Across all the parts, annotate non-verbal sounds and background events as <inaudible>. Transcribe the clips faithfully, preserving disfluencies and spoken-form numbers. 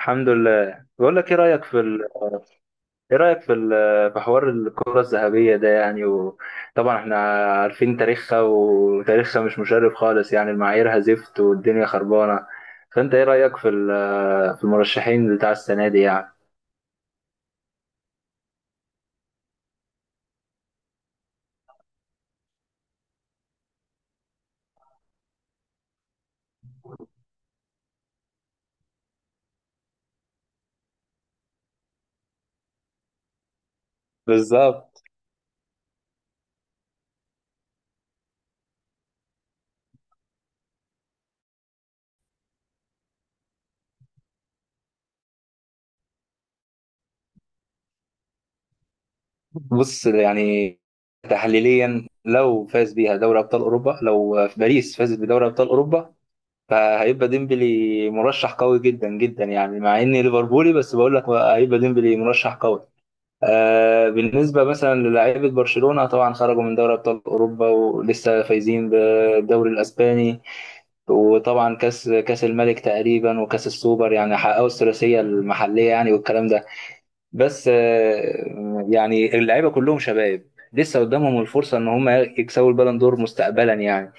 الحمد لله. بقول لك ايه رايك في ال... ايه رايك في ال... في حوار الكره الذهبيه ده، يعني. وطبعا احنا عارفين تاريخها، وتاريخها مش مشرف خالص يعني. المعاييرها زفت والدنيا خربانه. فانت ايه رايك في ال... في المرشحين بتاع السنه دي، يعني؟ بالظبط. بص، يعني تحليليا لو فاز بيها دوري ابطال اوروبا، لو في باريس فازت بدوري ابطال اوروبا، فهيبقى ديمبلي مرشح قوي جدا جدا، يعني. مع اني ليفربولي بس بقول لك هيبقى ديمبلي مرشح قوي. آه بالنسبة مثلا للاعيبة برشلونة، طبعا خرجوا من دوري أبطال أوروبا، ولسه فايزين بالدوري الأسباني. وطبعا كأس كأس الملك تقريبا، وكأس السوبر، يعني حققوا الثلاثية المحلية يعني، والكلام ده. بس آه يعني اللعيبة كلهم شباب، لسه قدامهم الفرصة إن هم يكسبوا البالون دور مستقبلا، يعني.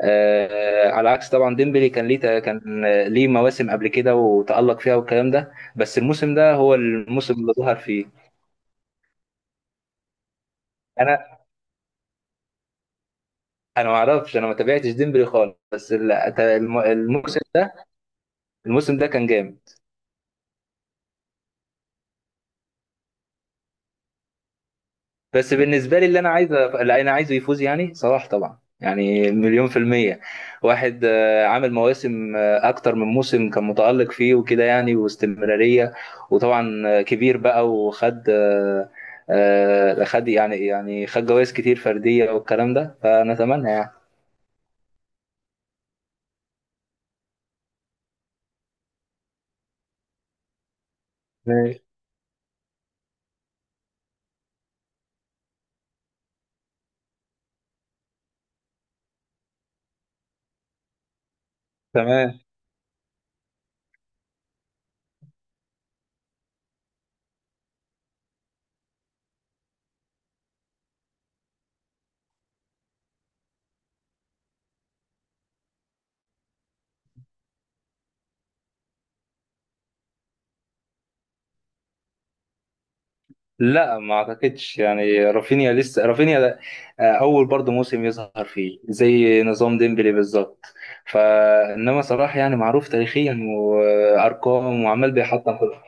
آه على عكس طبعا، ديمبلي كان ليه كان ليه مواسم قبل كده وتألق فيها، والكلام ده، بس الموسم ده هو الموسم اللي ظهر فيه. انا ما اعرفش انا ما تابعتش ديمبلي خالص، بس ال- الم- الموسم ده الموسم ده كان جامد. بس بالنسبه لي، اللي انا عايزه اللي انا عايزه يفوز يعني صلاح طبعا، يعني مليون في المية. واحد آه، عامل مواسم آه، أكتر من موسم كان متألق فيه وكده يعني، واستمرارية. وطبعا آه، كبير بقى، وخد آه، آه، خد يعني يعني خد جوائز كتير فردية والكلام ده، فنتمنى يعني. ماشي. تمام. لا ما اعتقدش، يعني رافينيا لسه، رافينيا ده- آه، اول برضه موسم يظهر فيه زي نظام ديمبلي بالظبط. فانما صلاح يعني معروف تاريخيا وارقام، وعمال بيحطم كله.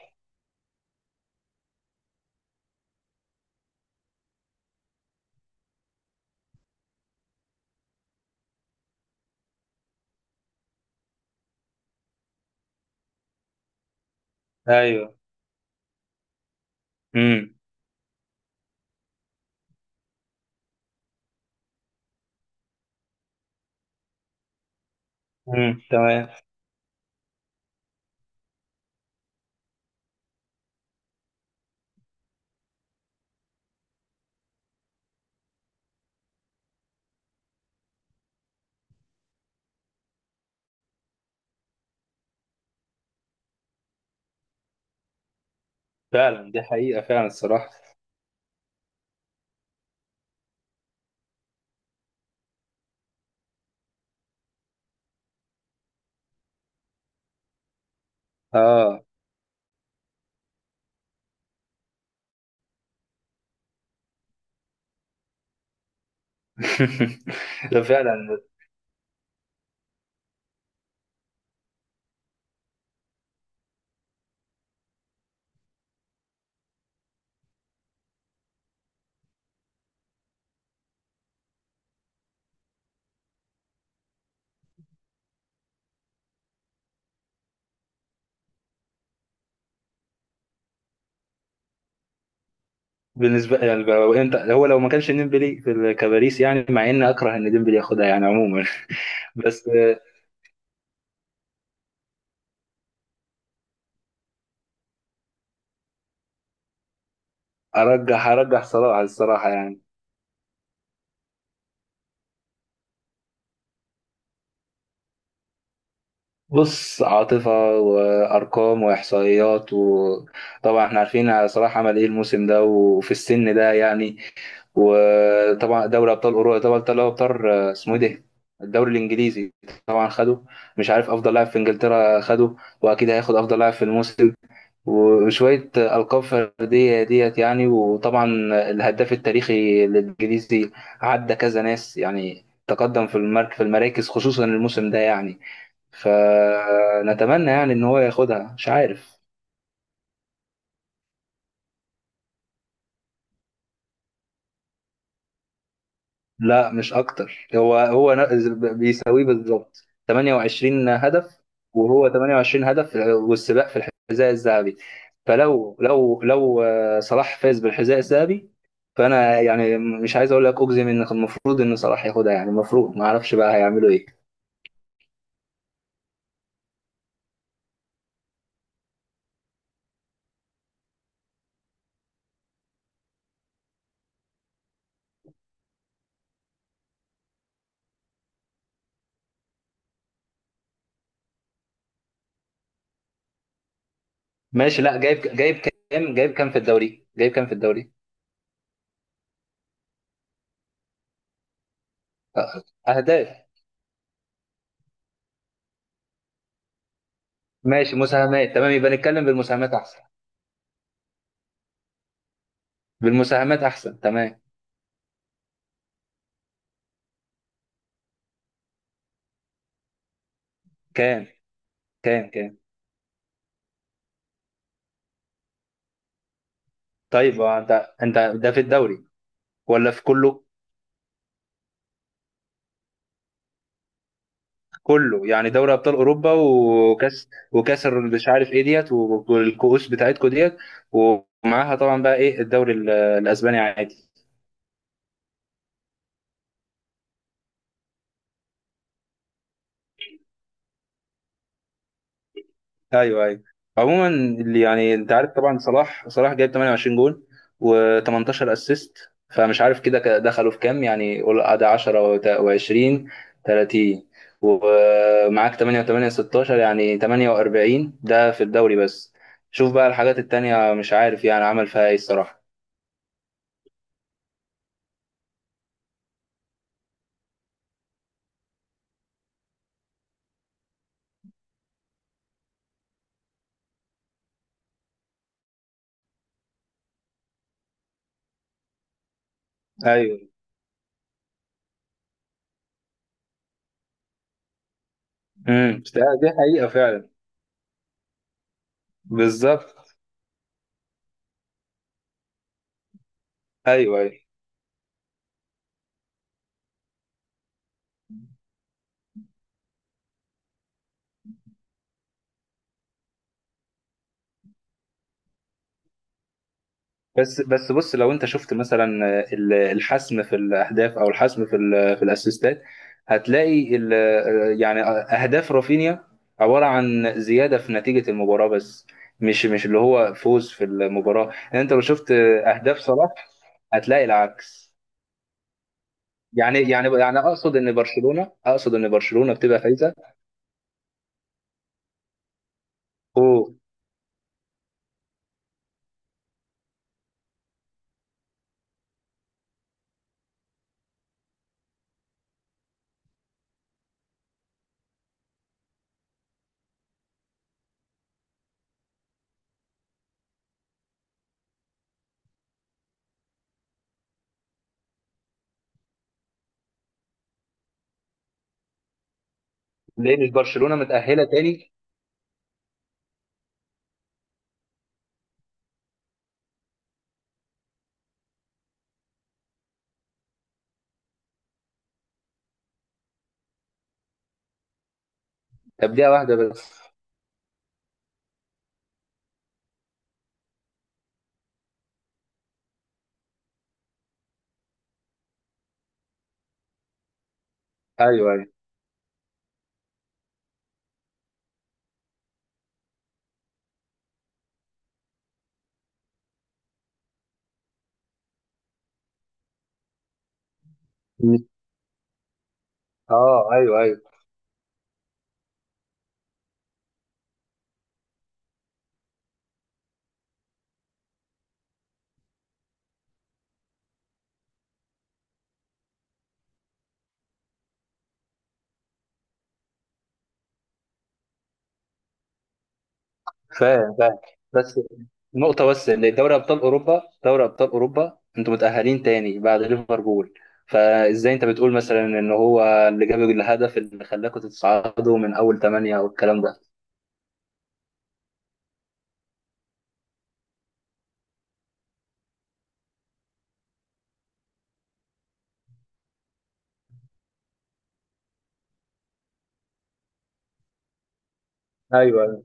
ايوه. امم. امم. تمام. فعلا، دي حقيقة فعلا الصراحة. اه. <laughs> ده فعلا. بالنسبة يعني، لو انت هو لو ما كانش ديمبلي في ال- كباريس، يعني مع اني اكره ان ديمبلي ياخدها يعني عموما. <laughs> بس آه، ارجح ارجح صلاح الصراحة، يعني. بص، عاطفة وأرقام وإحصائيات. وطبعا احنا عارفين صلاح عمل ايه الموسم ده، وفي السن ده يعني. وطبعا دوري أبطال أوروبا، دوري أبطال أبطال اسمه ايه ده، الدوري الإنجليزي، طبعا خده. مش عارف، أفضل لاعب في إنجلترا خده، وأكيد هياخد أفضل لاعب في الموسم، وشوية ألقاب فردية ديت يعني. وطبعا الهداف التاريخي للإنجليزي، عدى كذا ناس يعني. تقدم في المرك في المراكز خصوصا الموسم ده يعني. فنتمنى يعني ان هو ياخدها، مش عارف. لا، مش اكتر. هو هو ن- بيساويه بالظبط 28 هدف، وهو 28 هدف في- والسباق في الحذاء الذهبي. فلو لو لو آه، صلاح فاز بالحذاء الذهبي، فانا يعني مش عايز اقول لك، اجزم ان كان المفروض ان صلاح ياخدها يعني المفروض. ما اعرفش بقى هيعملوا ايه. ماشي. لا، جايب جايب كام؟ جايب كام في الدوري جايب كام في الدوري؟ آه، اهداف. ماشي، مساهمات. تمام، يبقى نتكلم بالمساهمات احسن. بالمساهمات احسن، تمام. كام كام كام؟ طيب، هو انت انت ده في الدوري ولا في كله؟ كله، يعني دوري ابطال اوروبا وكاس، وكاس ال- مش عارف ايه ديت، والكؤوس بتاعتكو ديت. ومعاها طبعا بقى ايه الدوري ال- الاسباني عادي. ايوه ايوه. عموما، اللي يعني انت عارف طبعا، صلاح صلاح جايب 28 جول و18 اسيست. فمش عارف كده، ك- دخلوا في كام يعني؟ قول ده عشرة و20، ثلاثين. ومعاك ثمانية و8، ستاشر، يعني تمانية واربعين ده في الدوري بس. شوف بقى الحاجات التانية، مش عارف يعني عمل فيها ايه الصراحة. ايوه. امم. دي حقيقة فعلا. بالظبط. ايوه ايوه. بس بس بص، لو انت شفت مثلا ال- الحسم في الاهداف، او الحسم في ال- في الاسيستات، هتلاقي ال- يعني اهداف رافينيا عباره عن زياده في نتيجه المباراه بس، مش مش اللي هو فوز في المباراه. يعني انت لو شفت اهداف صلاح، هتلاقي العكس يعني يعني يعني اقصد ان برشلونه، اقصد ان برشلونه بتبقى فايزه. اوه. ليه مش برشلونه متاهله تاني؟ طب دقيقه واحده بس. ايوه ايوه. اه، ايوه ايوه. فاهم فاهم، بس نقطة بس لدوري أبطال أوروبا. دوري أبطال أوروبا أنتوا متأهلين تاني بعد ليفربول، فإزاي أنت بتقول مثلا إن هو اللي جاب الهدف اللي خلاكوا تتصعدوا من أول ثمانية والكلام ده؟ أيوه أيوه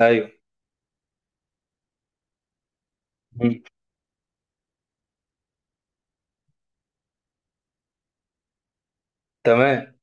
أيوه. مم. تمام.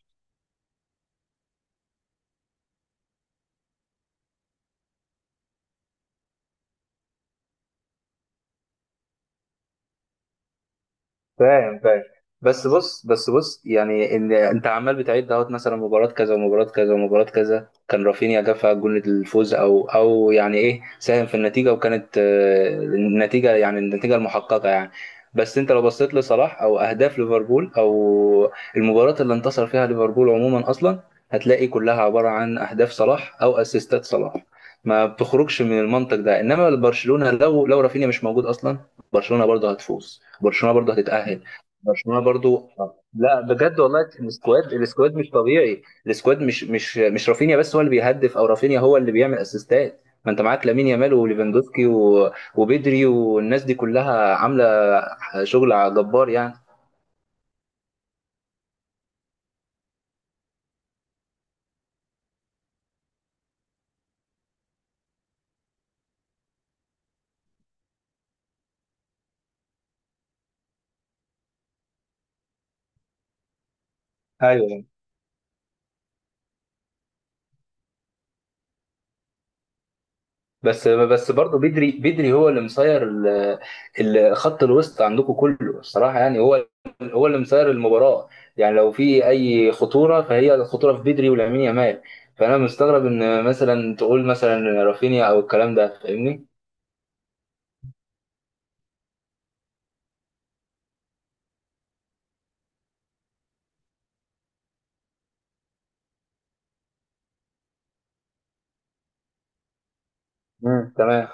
فاهم فاهم. بس بص بس بص، يعني ان انت عمال بتعد اهوت، مثلا مباراه كذا ومباراه كذا ومباراه كذا كان رافينيا جاب فيها جول الفوز، او او يعني ايه ساهم في النتيجه، وكانت آه، النتيجه يعني، النتيجه المحققه يعني. بس انت لو بصيت لصلاح، او اهداف ليفربول، او المباراه اللي انتصر فيها ليفربول عموما اصلا، هتلاقي كلها عباره عن اهداف صلاح او اسيستات صلاح. ما بتخرجش من المنطق ده. انما برشلونه لو لو رافينيا مش موجود اصلا، برشلونه برضه هتفوز، برشلونه برضو هتتاهل، برشلونه برضو. لا بجد والله. السكواد السكواد مش طبيعي. السكواد مش مش مش رافينيا بس هو اللي بيهدف، او رافينيا هو اللي بيعمل اسيستات. ما انت معاك لامين يامال وليفاندوفسكي و- وبدري، والناس دي كلها عامله شغل جبار يعني. ايوه. بس بس برضه بدري بدري هو اللي مصير ال- ال- خط الوسط عندكم كله، الصراحه يعني. هو هو اللي مصير المباراه. يعني لو في اي خطوره، فهي الخطوره في بدري ولامين يامال. فانا مستغرب ان مثلا تقول مثلا رافينيا او الكلام ده، فاهمني. مم. تمام.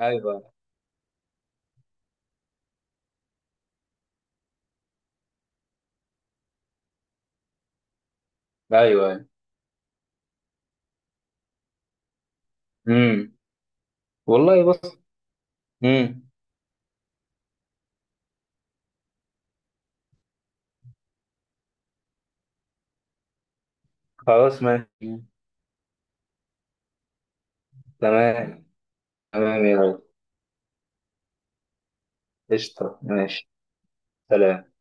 ايوه ايوه. امم. والله بص. امم. خلاص ماشي. مم. تمام. تمام يا ريس. قشطه، ماشي. سلام.